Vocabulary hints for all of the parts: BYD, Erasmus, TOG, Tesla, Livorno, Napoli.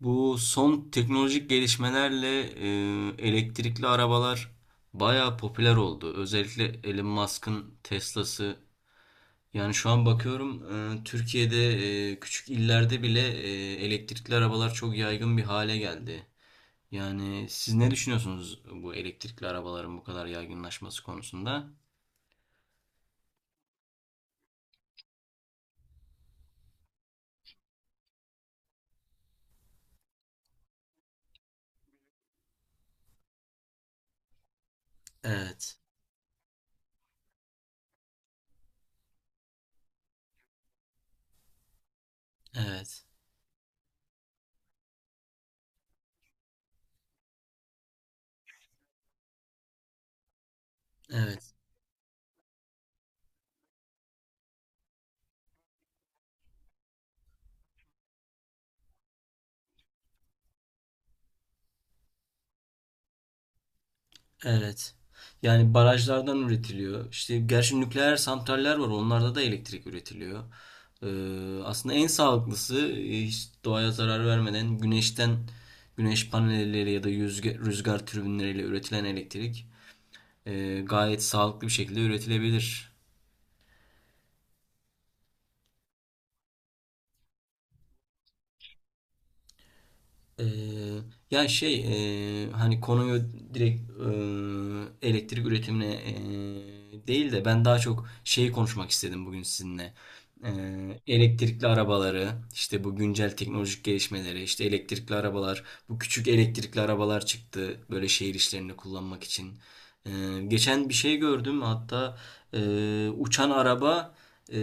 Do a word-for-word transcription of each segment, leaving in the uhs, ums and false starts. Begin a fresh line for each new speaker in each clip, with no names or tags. Bu son teknolojik gelişmelerle e, elektrikli arabalar bayağı popüler oldu. Özellikle Elon Musk'ın Tesla'sı. Yani şu an bakıyorum e, Türkiye'de e, küçük illerde bile e, elektrikli arabalar çok yaygın bir hale geldi. Yani siz ne düşünüyorsunuz bu elektrikli arabaların bu kadar yaygınlaşması konusunda? Evet, evet, evet. Evet. Yani barajlardan üretiliyor. İşte gerçi nükleer santraller var. Onlarda da elektrik üretiliyor. Ee, aslında en sağlıklısı e, hiç doğaya zarar vermeden güneşten güneş panelleriyle ya da rüzgar, rüzgar türbinleriyle üretilen elektrik e, gayet sağlıklı bir şekilde üretilebilir. Ee, Ya şey, e, hani konuyu direkt e, elektrik üretimine e, değil de ben daha çok şeyi konuşmak istedim bugün sizinle. Ee, elektrikli arabaları işte bu güncel teknolojik gelişmeleri işte elektrikli arabalar bu küçük elektrikli arabalar çıktı böyle şehir işlerinde kullanmak için. Ee, Geçen bir şey gördüm hatta e, uçan araba e,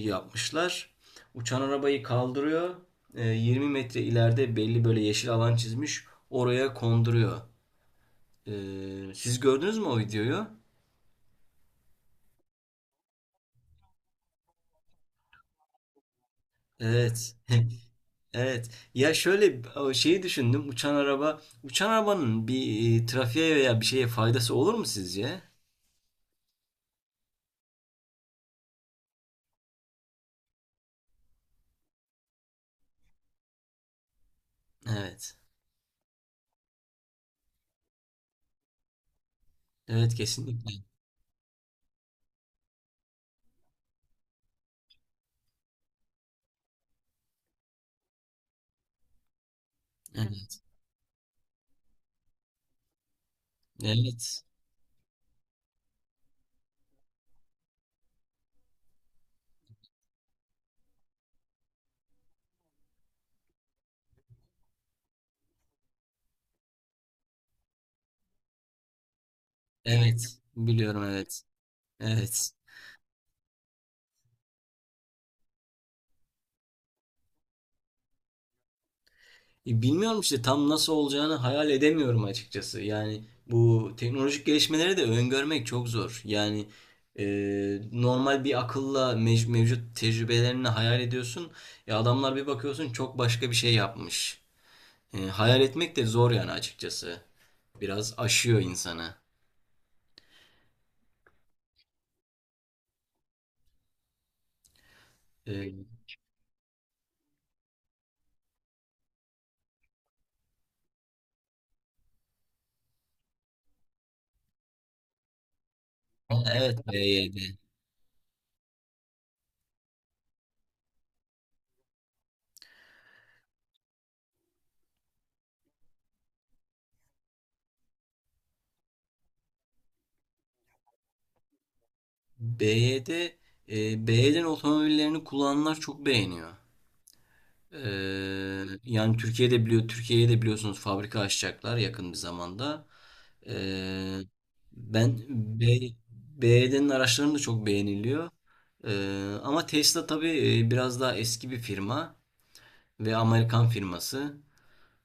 yapmışlar. Uçan arabayı kaldırıyor e, yirmi metre ileride belli böyle yeşil alan çizmiş. Oraya konduruyor. E, siz gördünüz mü o videoyu? Evet. Evet. Ya şöyle o şeyi düşündüm. Uçan araba, uçan arabanın bir e, trafiğe veya bir şeye faydası olur mu sizce? Evet. Evet kesinlikle. Evet. Evet. Evet. Biliyorum evet. Evet. E, Bilmiyorum işte tam nasıl olacağını hayal edemiyorum açıkçası. Yani bu teknolojik gelişmeleri de öngörmek çok zor. Yani e, normal bir akılla mec- mevcut tecrübelerini hayal ediyorsun. E, adamlar bir bakıyorsun çok başka bir şey yapmış. E, hayal etmek de zor yani açıkçası. Biraz aşıyor insanı. E, evet B Y D. B Y D, e, B Y D'nin otomobillerini kullananlar çok beğeniyor. Ee, Yani Türkiye'de biliyor, Türkiye'ye de biliyorsunuz fabrika açacaklar yakın bir zamanda. Ee, Ben B, B BYD'nin araçlarını da çok beğeniliyor. Ee, ama Tesla tabii e, biraz daha eski bir firma ve Amerikan firması.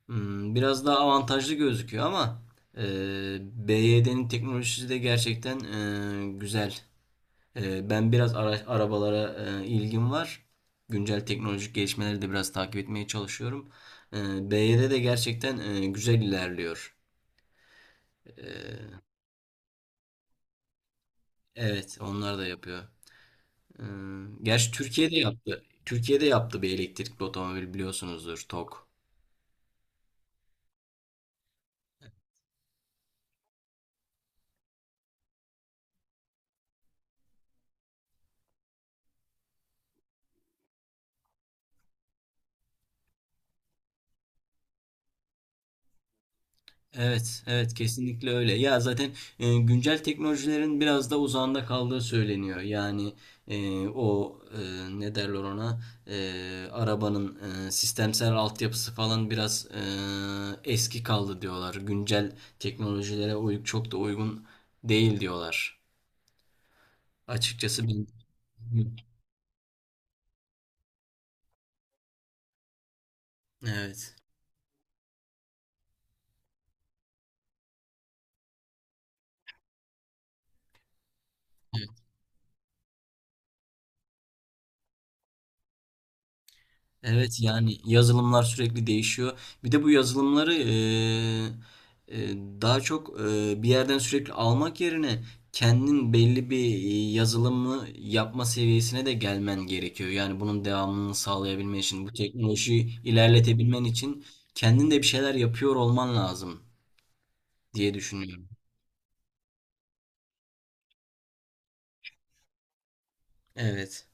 Hmm, biraz daha avantajlı gözüküyor ama e, B Y D'nin teknolojisi de gerçekten e, güzel. Ee, ben biraz ara- arabalara e, ilgim var. Güncel teknolojik gelişmeleri de biraz takip etmeye çalışıyorum. Ee, B Y D de gerçekten e, güzel ilerliyor. Evet, onlar da yapıyor. Ee, Gerçi Türkiye'de yaptı. Türkiye'de yaptı bir elektrikli otomobil biliyorsunuzdur, TOG. Evet, evet kesinlikle öyle. Ya zaten e, güncel teknolojilerin biraz da uzağında kaldığı söyleniyor. Yani e, o e, ne derler ona, E, arabanın e, sistemsel altyapısı falan biraz e, eski kaldı diyorlar. Güncel teknolojilere uy çok da uygun değil diyorlar. Açıkçası ben... Evet. Evet yani yazılımlar sürekli değişiyor. Bir de bu yazılımları e, e, daha çok e, bir yerden sürekli almak yerine kendin belli bir e, yazılımı yapma seviyesine de gelmen gerekiyor. Yani bunun devamını sağlayabilmen için, bu teknolojiyi ilerletebilmen için kendin de bir şeyler yapıyor olman lazım diye düşünüyorum. Evet.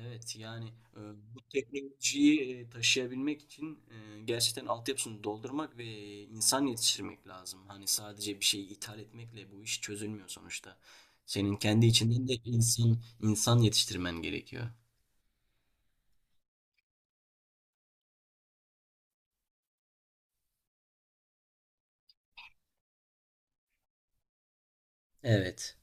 Evet yani e, bu teknolojiyi e, taşıyabilmek için e, gerçekten altyapısını doldurmak ve insan yetiştirmek lazım. Hani sadece bir şeyi ithal etmekle bu iş çözülmüyor sonuçta. Senin kendi içinden de insan insan yetiştirmen gerekiyor. Evet,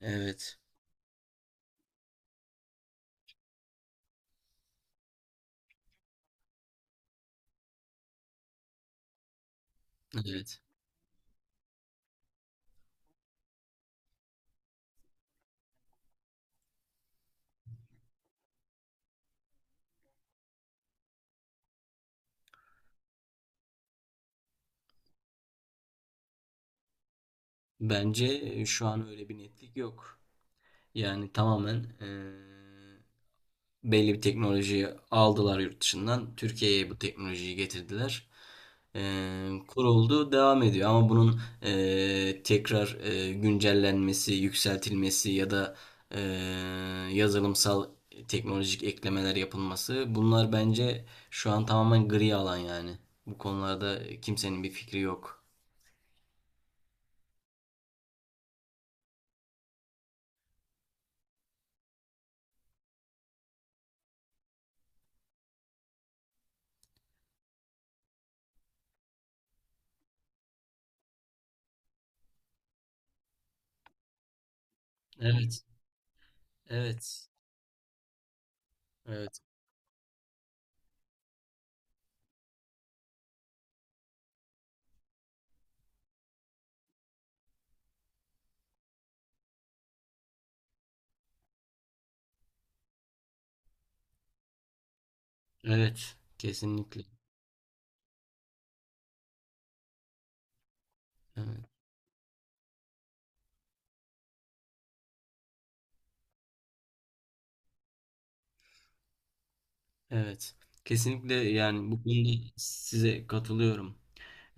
evet, evet. Bence e, şu an öyle bir netlik yok. Yani tamamen belli bir teknolojiyi aldılar yurt dışından. Türkiye'ye bu teknolojiyi getirdiler. Ee, kuruldu, devam ediyor. Ama bunun e, tekrar e, güncellenmesi, yükseltilmesi ya da e, yazılımsal teknolojik eklemeler yapılması bunlar bence şu an tamamen gri alan yani. Bu konularda kimsenin bir fikri yok. Evet, evet, evet, evet, kesinlikle. Evet. Evet. Kesinlikle yani bu konuda size katılıyorum.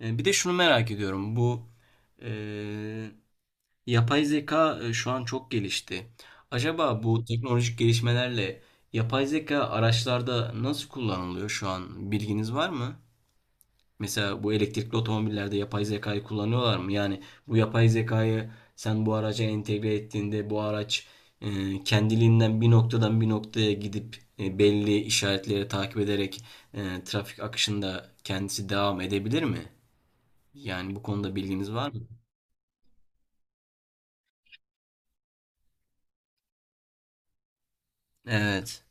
E, Bir de şunu merak ediyorum. Bu e, yapay zeka e, şu an çok gelişti. Acaba bu teknolojik gelişmelerle yapay zeka araçlarda nasıl kullanılıyor şu an? Bilginiz var mı? Mesela bu elektrikli otomobillerde yapay zekayı kullanıyorlar mı? Yani bu yapay zekayı sen bu araca entegre ettiğinde bu araç e, kendiliğinden bir noktadan bir noktaya gidip e, belli işaretleri takip ederek e, trafik akışında kendisi devam edebilir mi? Yani bu konuda bilginiz var mı? Evet.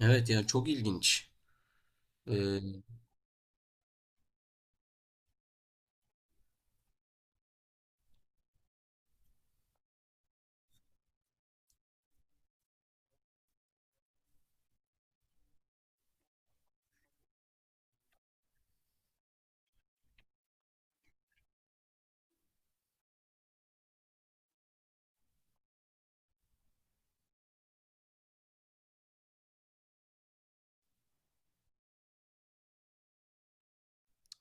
Evet yani çok ilginç.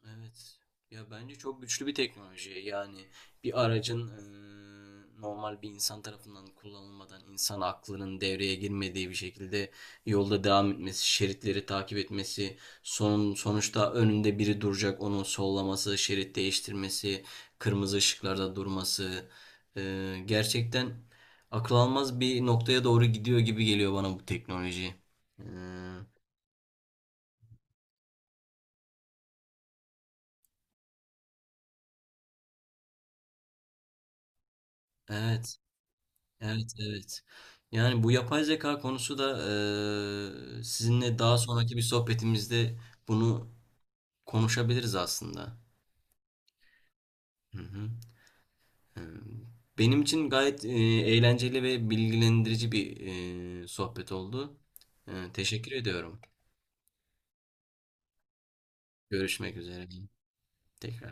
Evet. Ya bence çok güçlü bir teknoloji. Yani bir aracın eee, normal bir insan tarafından kullanılmadan insan aklının devreye girmediği bir şekilde yolda devam etmesi, şeritleri takip etmesi, son, sonuçta önünde biri duracak onu sollaması, şerit değiştirmesi, kırmızı ışıklarda durması eee, gerçekten akıl almaz bir noktaya doğru gidiyor gibi geliyor bana bu teknoloji. Eee, evet. Evet, evet. Yani bu yapay zeka konusu da eee, sizinle daha sonraki bir sohbetimizde bunu konuşabiliriz aslında. Hı hı. Eee, Benim için gayet eee, eğlenceli ve bilgilendirici bir eee, sohbet oldu. Eee, teşekkür ediyorum. Görüşmek üzere. Tekrar.